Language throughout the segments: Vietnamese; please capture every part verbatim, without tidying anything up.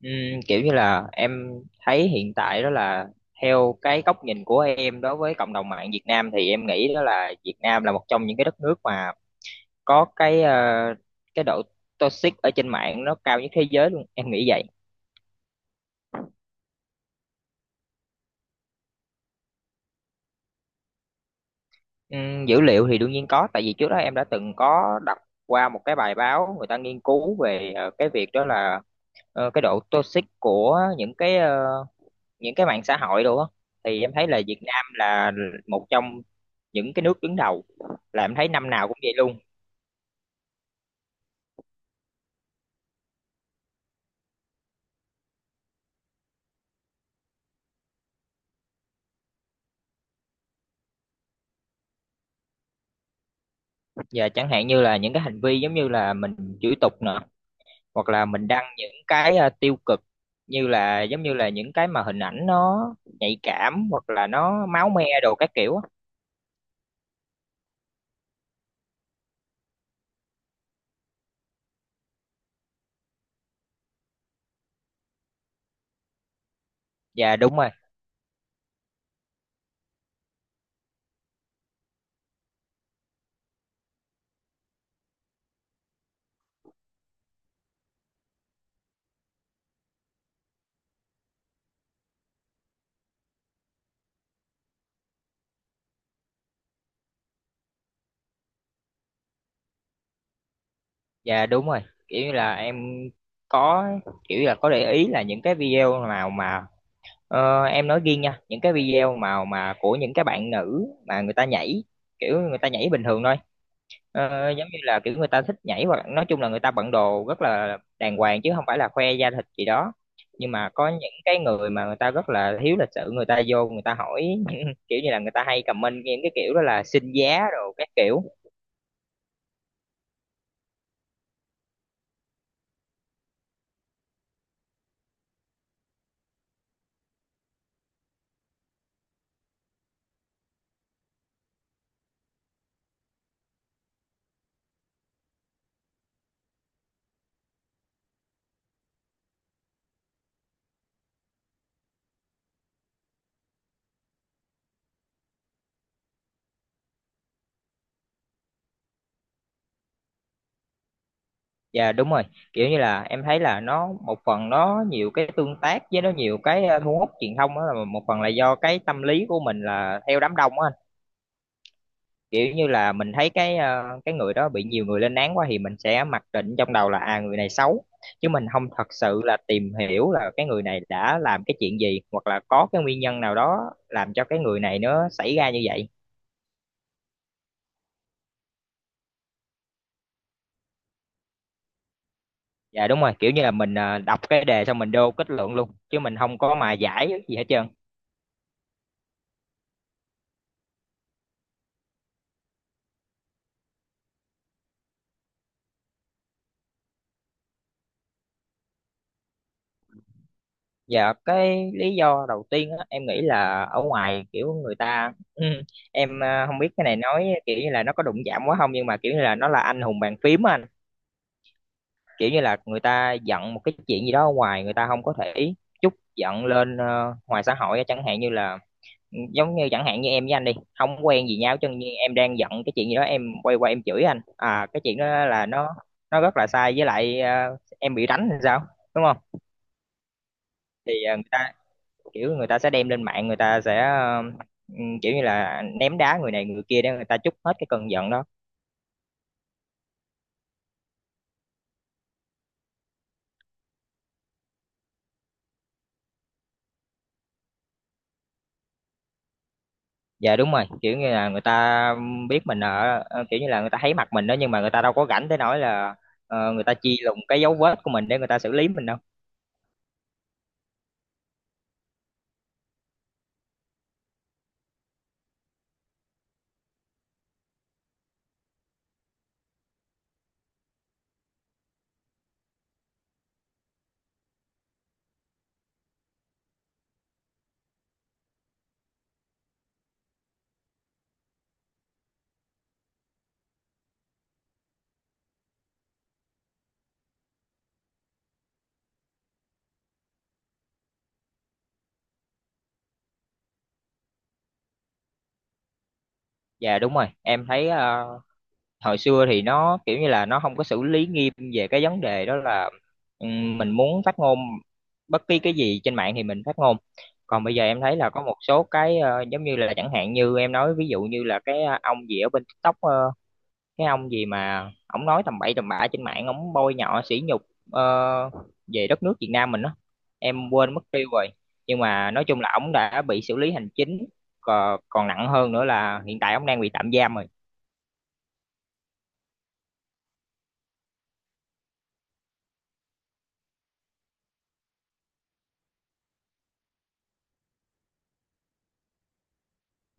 Ừm, kiểu như là em thấy hiện tại đó là theo cái góc nhìn của em đối với cộng đồng mạng Việt Nam thì em nghĩ đó là Việt Nam là một trong những cái đất nước mà có cái ờ, cái độ toxic ở trên mạng nó cao nhất thế giới luôn, em nghĩ vậy. Ừm, dữ liệu thì đương nhiên có, tại vì trước đó em đã từng có đọc qua một cái bài báo người ta nghiên cứu về ờ, cái việc đó là ờ, cái độ toxic của những cái ờ, những cái mạng xã hội đồ á, thì em thấy là Việt Nam là một trong những cái nước đứng đầu, là em thấy năm nào cũng vậy luôn. Và chẳng hạn như là những cái hành vi giống như là mình chửi tục nè, hoặc là mình đăng những cái ờ, tiêu cực, như là giống như là những cái mà hình ảnh nó nhạy cảm, hoặc là nó máu me đồ các kiểu á. Và đúng rồi. Và đúng rồi, kiểu như là em có, kiểu là có để ý là những cái video nào mà... Ờ, em nói riêng nha, những cái video mà mà của những cái bạn nữ mà người ta nhảy, kiểu người ta nhảy bình thường thôi. Ờ, giống như là kiểu người ta thích nhảy, hoặc nói chung là người ta bận đồ rất là đàng hoàng chứ không phải là khoe da thịt gì đó, nhưng mà có những cái người mà người ta rất là thiếu lịch sự, người ta vô người ta hỏi kiểu như là người ta hay comment những cái kiểu đó là xin giá đồ các kiểu. Dạ đúng rồi, kiểu như là em thấy là nó một phần nó nhiều cái tương tác với nó nhiều cái ờ, thu hút truyền thông, đó là một phần là do cái tâm lý của mình là theo đám đông á, kiểu như là mình thấy cái ờ, cái người đó bị nhiều người lên án quá thì mình sẽ mặc định trong đầu là à, người này xấu, chứ mình không thật sự là tìm hiểu là cái người này đã làm cái chuyện gì, hoặc là có cái nguyên nhân nào đó làm cho cái người này nó xảy ra như vậy. Dạ đúng rồi, kiểu như là mình ờ, đọc cái đề xong mình đô kết luận luôn, chứ mình không có mà giải gì hết trơn. Dạ cái lý do đầu tiên á, em nghĩ là ở ngoài kiểu người ta em ờ, không biết cái này nói kiểu như là nó có đụng chạm quá không, nhưng mà kiểu như là nó là anh hùng bàn phím á anh, kiểu như là người ta giận một cái chuyện gì đó ở ngoài người ta không có thể trút giận lên ờ, ngoài xã hội á. Chẳng hạn như là ừ, giống như chẳng hạn như em với anh đi, không quen gì nhau, chứ như em đang giận cái chuyện gì đó em quay qua em chửi anh, à cái chuyện đó là nó nó rất là sai, với lại ờ, em bị đánh thì sao, đúng không? Thì ờ, người ta kiểu người ta sẽ đem lên mạng, người ta sẽ ờ, ừ, kiểu như là ném đá người này người kia để người ta trút hết cái cơn giận đó. Dạ đúng rồi, kiểu như là người ta biết mình ở ờ, kiểu như là người ta thấy mặt mình đó, nhưng mà người ta đâu có rảnh tới nỗi là ờ, người ta chi lùng cái dấu vết của mình để người ta xử lý mình đâu. Dạ đúng rồi, em thấy ờ, hồi xưa thì nó kiểu như là nó không có xử lý nghiêm về cái vấn đề đó, là ừm, mình muốn phát ngôn bất kỳ cái gì trên mạng thì mình phát ngôn. Còn bây giờ em thấy là có một số cái ờ, giống như là, chẳng hạn như em nói ví dụ như là cái ờ, ông gì ở bên tích tóc, ờ, cái ông gì mà ổng nói tầm bậy tầm bạ trên mạng, ổng bôi nhọ sỉ nhục ờ, về đất nước Việt Nam mình đó, em quên mất tiêu rồi, nhưng mà nói chung là ổng đã bị xử lý hành chính, còn, còn nặng hơn nữa là hiện tại ổng đang bị tạm giam rồi.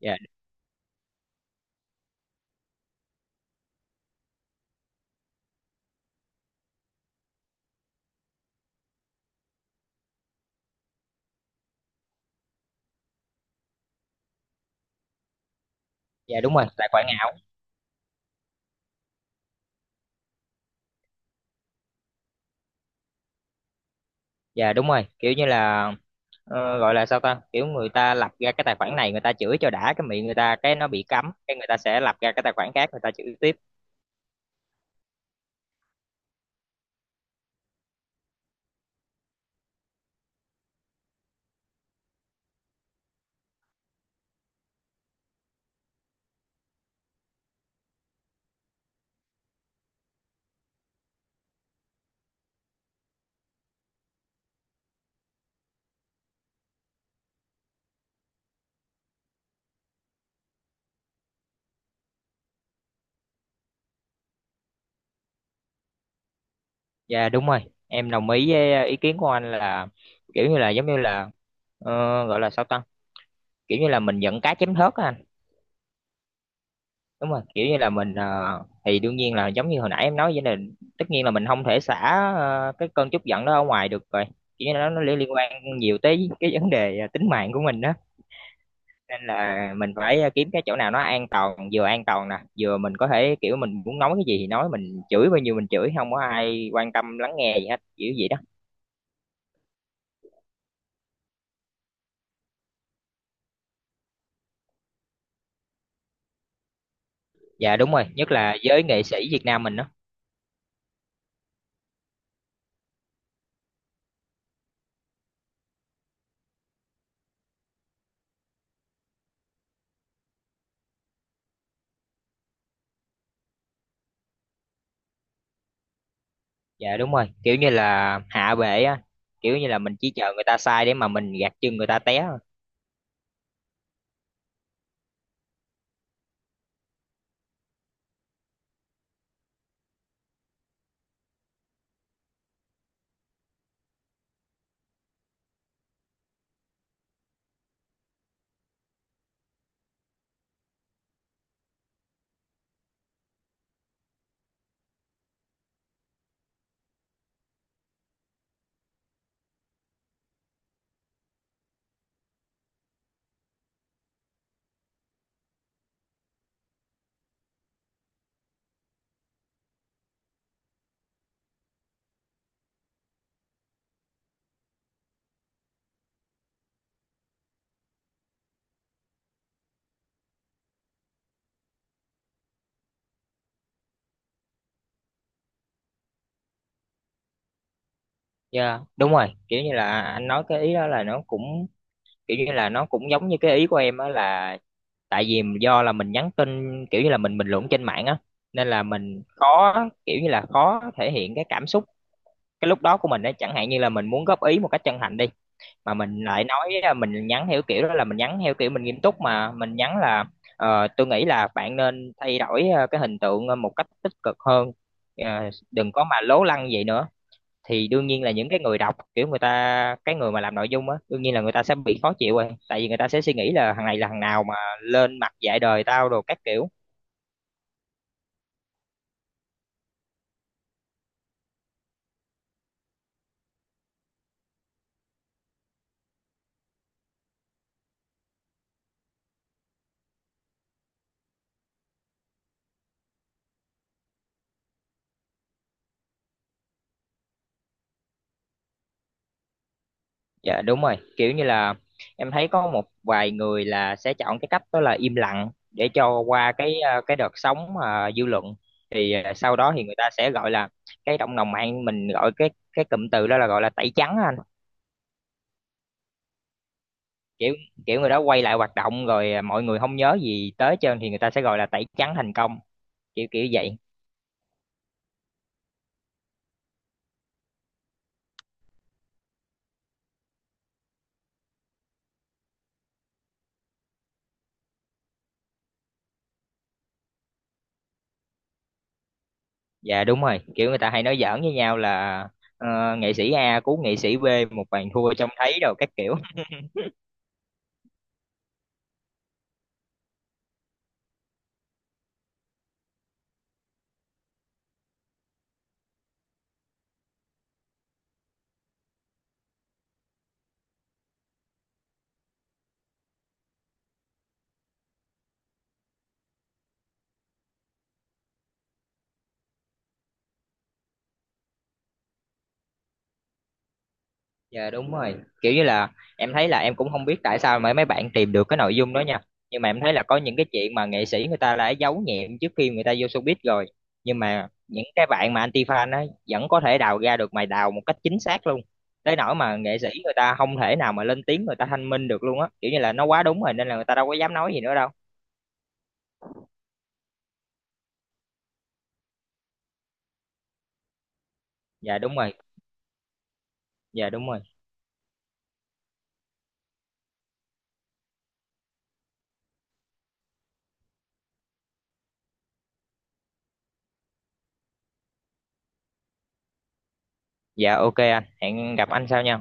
Dạ. Dạ đúng rồi, tài khoản ảo. Dạ đúng rồi, kiểu như là ờ, gọi là sao ta, kiểu người ta lập ra cái tài khoản này người ta chửi cho đã cái miệng, người ta cái nó bị cấm cái người ta sẽ lập ra cái tài khoản khác người ta chửi tiếp. Dạ đúng rồi, em đồng ý với ờ, ý kiến của anh là kiểu như là giống như là ờ, gọi là sao ta? Kiểu như là mình giận cá chém thớt á anh. Đúng rồi, kiểu như là mình ờ, thì đương nhiên là giống như hồi nãy em nói vậy, là tất nhiên là mình không thể xả ờ, cái cơn tức giận đó ở ngoài được rồi. Kiểu như là nó nó liên liên quan nhiều tới cái vấn đề ờ, tính mạng của mình đó. Nên là mình phải ờ, kiếm cái chỗ nào nó an toàn, vừa an toàn nè, vừa mình có thể kiểu mình muốn nói cái gì thì nói, mình chửi bao nhiêu mình chửi, không có ai quan tâm lắng nghe gì hết, kiểu vậy đó. Dạ đúng rồi, nhất là giới nghệ sĩ Việt Nam mình đó. Dạ đúng rồi, kiểu như là hạ bệ á, kiểu như là mình chỉ chờ người ta sai để mà mình gạt chân người ta té thôi. Dạ đúng rồi, kiểu như là anh nói cái ý đó là nó cũng kiểu như là nó cũng giống như cái ý của em á, là tại vì do là mình nhắn tin, kiểu như là mình bình luận trên mạng á, nên là mình khó kiểu như là khó thể hiện cái cảm xúc cái lúc đó của mình á. Chẳng hạn như là mình muốn góp ý một cách chân thành đi, mà mình lại nói à, mình nhắn theo kiểu đó là mình nhắn theo kiểu mình nghiêm túc, mà mình nhắn là ờ, tôi nghĩ là bạn nên thay đổi à, cái hình tượng à, một cách tích cực hơn. Ờ, đừng có mà lố lăng vậy nữa. Thì đương nhiên là những cái người đọc kiểu người ta cái người mà làm nội dung á, đương nhiên là người ta sẽ bị khó chịu rồi, tại vì người ta sẽ suy nghĩ là thằng này là thằng nào mà lên mặt dạy đời tao đồ các kiểu. Dạ đúng rồi, kiểu như là em thấy có một vài người là sẽ chọn cái cách đó là im lặng để cho qua cái à, cái đợt sóng mà dư luận, thì à, sau đó thì người ta sẽ gọi là cái cộng đồng mạng mình gọi cái cái cụm từ đó là gọi là tẩy trắng á anh. Kiểu kiểu người đó quay lại hoạt động rồi à, mọi người không nhớ gì tới hết trơn thì người ta sẽ gọi là tẩy trắng thành công, kiểu kiểu vậy. Dạ đúng rồi, kiểu người ta hay nói giỡn với nhau là ờ, nghệ sĩ A cứu nghệ sĩ bê một bàn thua trông thấy rồi các kiểu. Dạ đúng rồi. Kiểu như là em thấy là em cũng không biết tại sao mà mấy bạn tìm được cái nội dung đó nha. Nhưng mà em thấy là có những cái chuyện mà nghệ sĩ người ta đã giấu nhẹm trước khi người ta vô showbiz rồi. Nhưng mà những cái bạn mà anti-fan á vẫn có thể đào ra được, mày đào một cách chính xác luôn. Tới nỗi mà nghệ sĩ người ta không thể nào mà lên tiếng người ta thanh minh được luôn á. Kiểu như là nó quá đúng rồi nên là người ta đâu có dám nói gì nữa đâu. Dạ đúng rồi. Dạ đúng rồi. Dạ ô kê anh, hẹn gặp anh sau nha.